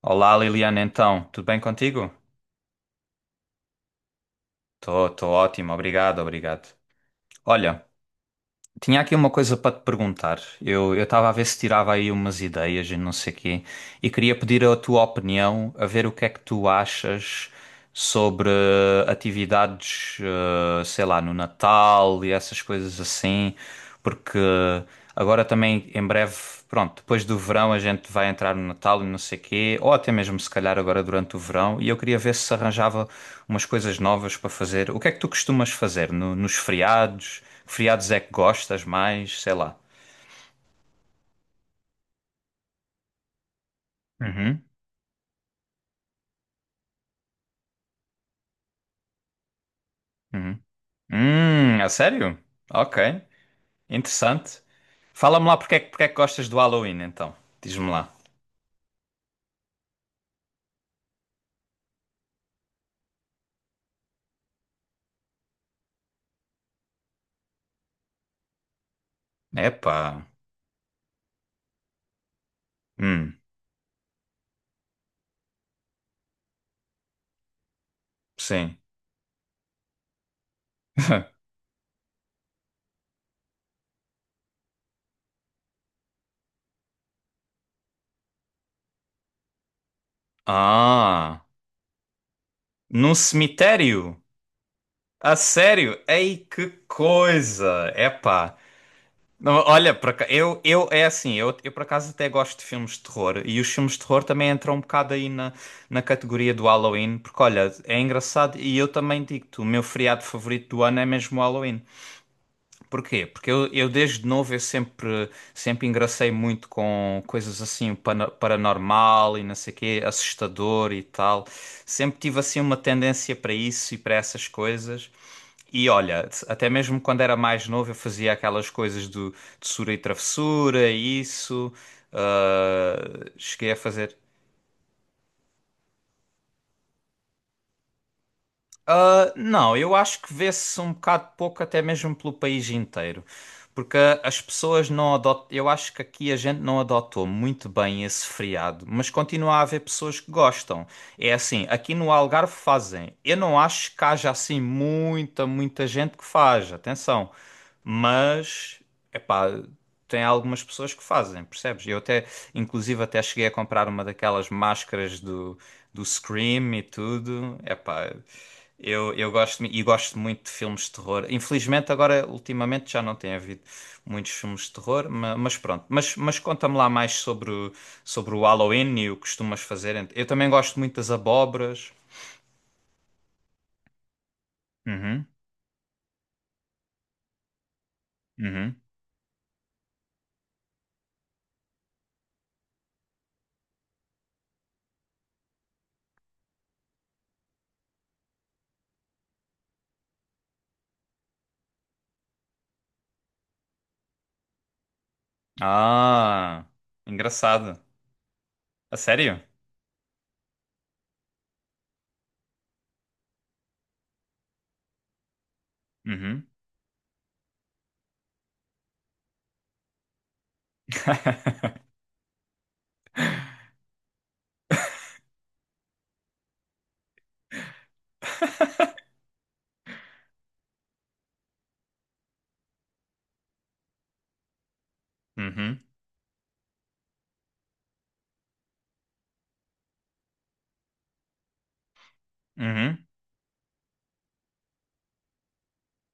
Olá Liliana, então, tudo bem contigo? Tô ótimo, obrigado. Olha, tinha aqui uma coisa para te perguntar. Eu estava a ver se tirava aí umas ideias e não sei quê, e queria pedir a tua opinião, a ver o que é que tu achas sobre atividades, sei lá, no Natal e essas coisas assim. Porque agora também em breve, pronto, depois do verão a gente vai entrar no Natal e não sei quê, ou até mesmo se calhar agora durante o verão, e eu queria ver se arranjava umas coisas novas para fazer. O que é que tu costumas fazer nos feriados? Que feriados é que gostas mais? Sei lá. Uhum, uhum. A sério? Ok, interessante. Fala-me lá porque é que gostas do Halloween então. Diz-me lá. Epá. Hum, sim. Ah, num cemitério? Ah, sério? Ei, que coisa! Epá. Não, olha, eu é assim, eu por acaso até gosto de filmes de terror e os filmes de terror também entram um bocado aí na, na categoria do Halloween, porque olha, é engraçado e eu também digo-te, o meu feriado favorito do ano é mesmo o Halloween. Porquê? Porque eu desde novo eu sempre, sempre engracei muito com coisas assim paranormal e não sei quê, assustador e tal. Sempre tive assim uma tendência para isso e para essas coisas. E olha, até mesmo quando era mais novo eu fazia aquelas coisas de sura e travessura e isso. Ah, cheguei a fazer. Ah, não, eu acho que vê-se um bocado pouco, até mesmo pelo país inteiro. Porque as pessoas não adotam. Eu acho que aqui a gente não adotou muito bem esse feriado, mas continua a haver pessoas que gostam. É assim, aqui no Algarve fazem. Eu não acho que haja assim muita gente que faz, atenção. Mas, epá, tem algumas pessoas que fazem, percebes? Eu até, inclusive, até cheguei a comprar uma daquelas do Scream e tudo. Epá. Eu gosto e gosto muito de filmes de terror. Infelizmente, agora, ultimamente, já não tem havido muitos filmes de terror, mas, pronto. Mas conta-me lá mais sobre o Halloween e o que costumas fazer. Eu também gosto muito das abóboras. Uhum, uhum. Ah, engraçado. A sério? Uhum. Uhum, uhum,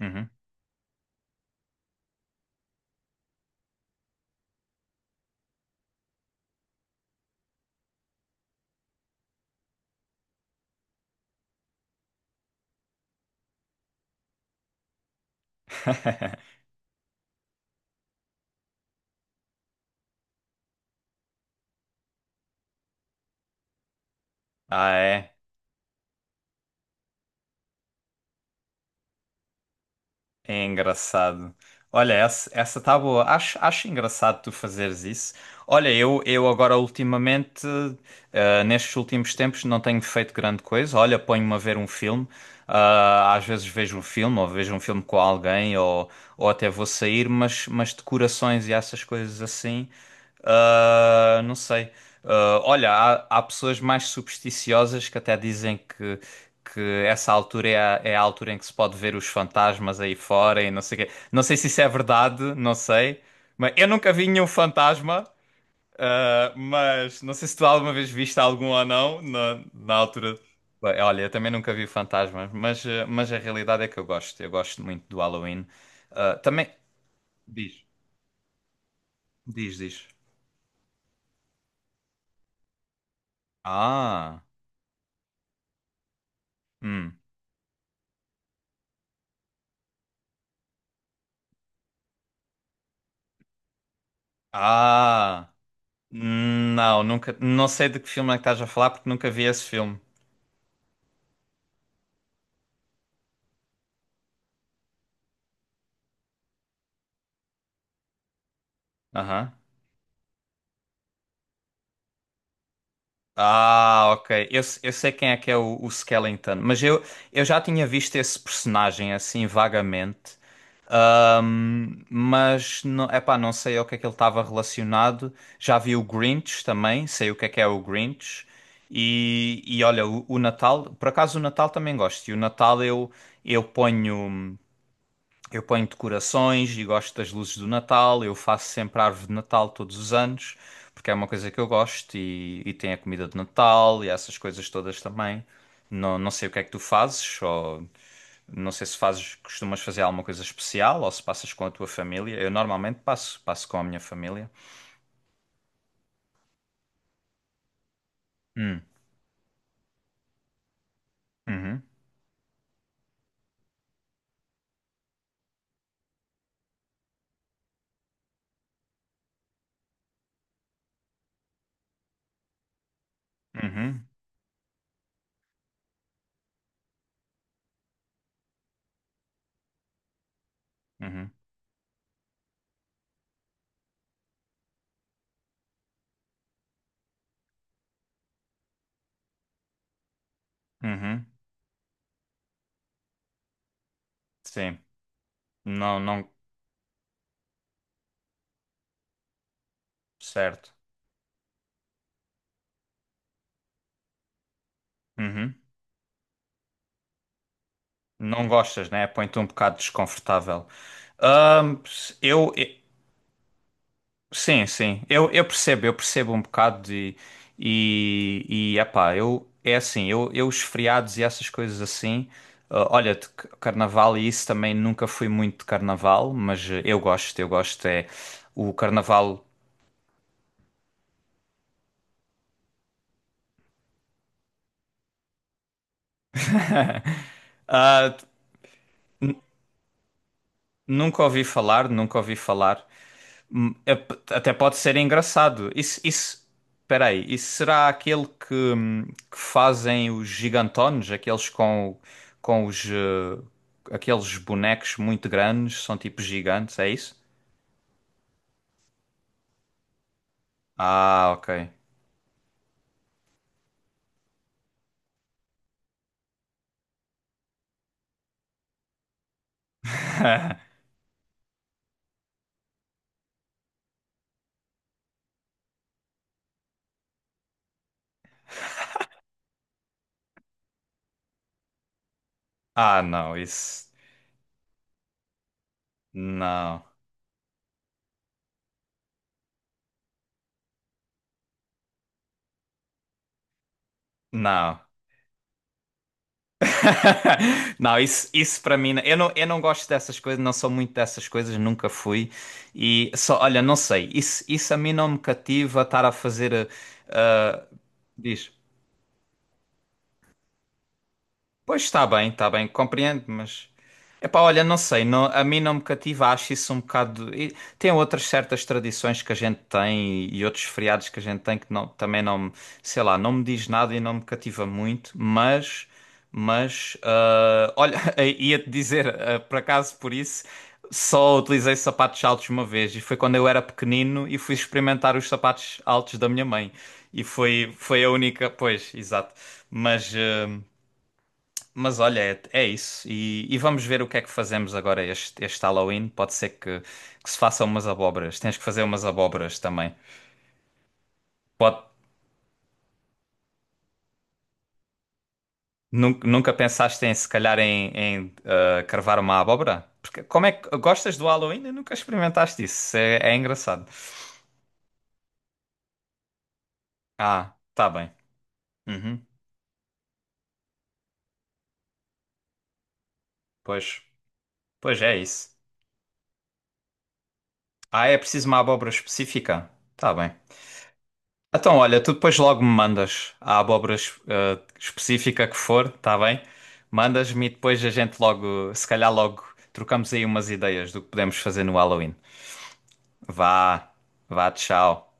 uhum. Ah, é. É engraçado. Olha, essa tá boa. Acho engraçado tu fazeres isso. Olha, eu agora ultimamente, nestes últimos tempos, não tenho feito grande coisa. Olha, ponho-me a ver um filme. Ah, às vezes vejo um filme, ou vejo um filme com alguém, ou até vou sair, mas decorações e essas coisas assim. Ah, não sei. Ah, olha, há pessoas mais supersticiosas que até dizem que essa altura é a altura em que se pode ver os fantasmas aí fora e não sei o quê. Não sei se isso é verdade, não sei. Mas eu nunca vi nenhum fantasma, ah, mas não sei se tu alguma vez viste algum ou não na, na altura. Bem, olha, eu também nunca vi fantasmas, mas, ah, mas a realidade é que eu gosto. Eu gosto muito do Halloween. Ah, também. Diz, diz, diz. Ah. Hum. Ah, não, nunca, não sei de que filme é que estás a falar porque nunca vi esse filme. Aham. Ah, ok. Eu, se- eu sei quem é que é o Skellington, mas eu já tinha visto esse personagem assim vagamente. Mas não, epá, não sei ao que é que ele estava relacionado. Já vi o Grinch também, sei o que é o Grinch. E olha, o Natal, por acaso o Natal também gosto. E o Natal eu ponho. Eu ponho decorações e gosto das luzes do Natal. Eu faço sempre a árvore de Natal todos os anos, porque é uma coisa que eu gosto e tem a comida de Natal e essas coisas todas também. Não, não sei o que é que tu fazes, ou não sei se fazes, costumas fazer alguma coisa especial ou se passas com a tua família. Eu normalmente passo, passo com a minha família. Hum, uhum, uhum, uhum, uhum, sim. Não, não, certo. Uhum. Não gostas, né? Põe-te um bocado desconfortável. Ahm, eu, sim, sim, eu percebo um bocado de, e epá, eu, é assim, eu os feriados e essas coisas assim, ah, olha, carnaval e isso também nunca fui muito de carnaval, mas eu gosto, é o carnaval, ah, nunca ouvi falar, nunca ouvi falar, hum, é até pode ser engraçado. Isso, peraí, isso será aquele que fazem os gigantones, aqueles com os, aqueles bonecos muito grandes, são tipo gigantes, é isso? Ah, ok. Ah, não, isso, não, não. Não, isso para mim, eu não gosto dessas coisas, não sou muito dessas coisas, nunca fui. E só, olha, não sei, isso a mim não me cativa estar a fazer. Diz, pois está bem, compreendo, mas. Epá, olha, não sei, a mim não me cativa, acho isso um bocado. E tem outras certas tradições que a gente tem e outros feriados que a gente tem que não, também não, sei lá, não me diz nada e não me cativa muito, mas. Mas, ah, olha, ia-te dizer, ah, por acaso por isso, só utilizei sapatos altos uma vez e foi quando eu era pequenino e fui experimentar os sapatos altos da minha mãe. E foi, foi a única, pois, exato. Mas, ah, mas olha, é, é isso. E vamos ver o que é que fazemos agora este, este Halloween. Pode ser que se façam umas abóboras. Tens que fazer umas abóboras também. Pode, nunca, nunca pensaste em, se calhar, em, em carvar uma abóbora? Porque como é que gostas do Halloween e nunca experimentaste isso? É, é engraçado. Ah, tá bem. Uhum. Pois, pois é isso. Ah, é preciso uma abóbora específica? Tá bem. Então, olha, tu depois logo me mandas a abóbora específica que for, está bem? Mandas-me e depois a gente logo, se calhar logo, trocamos aí umas ideias do que podemos fazer no Halloween. Vá, vá, tchau.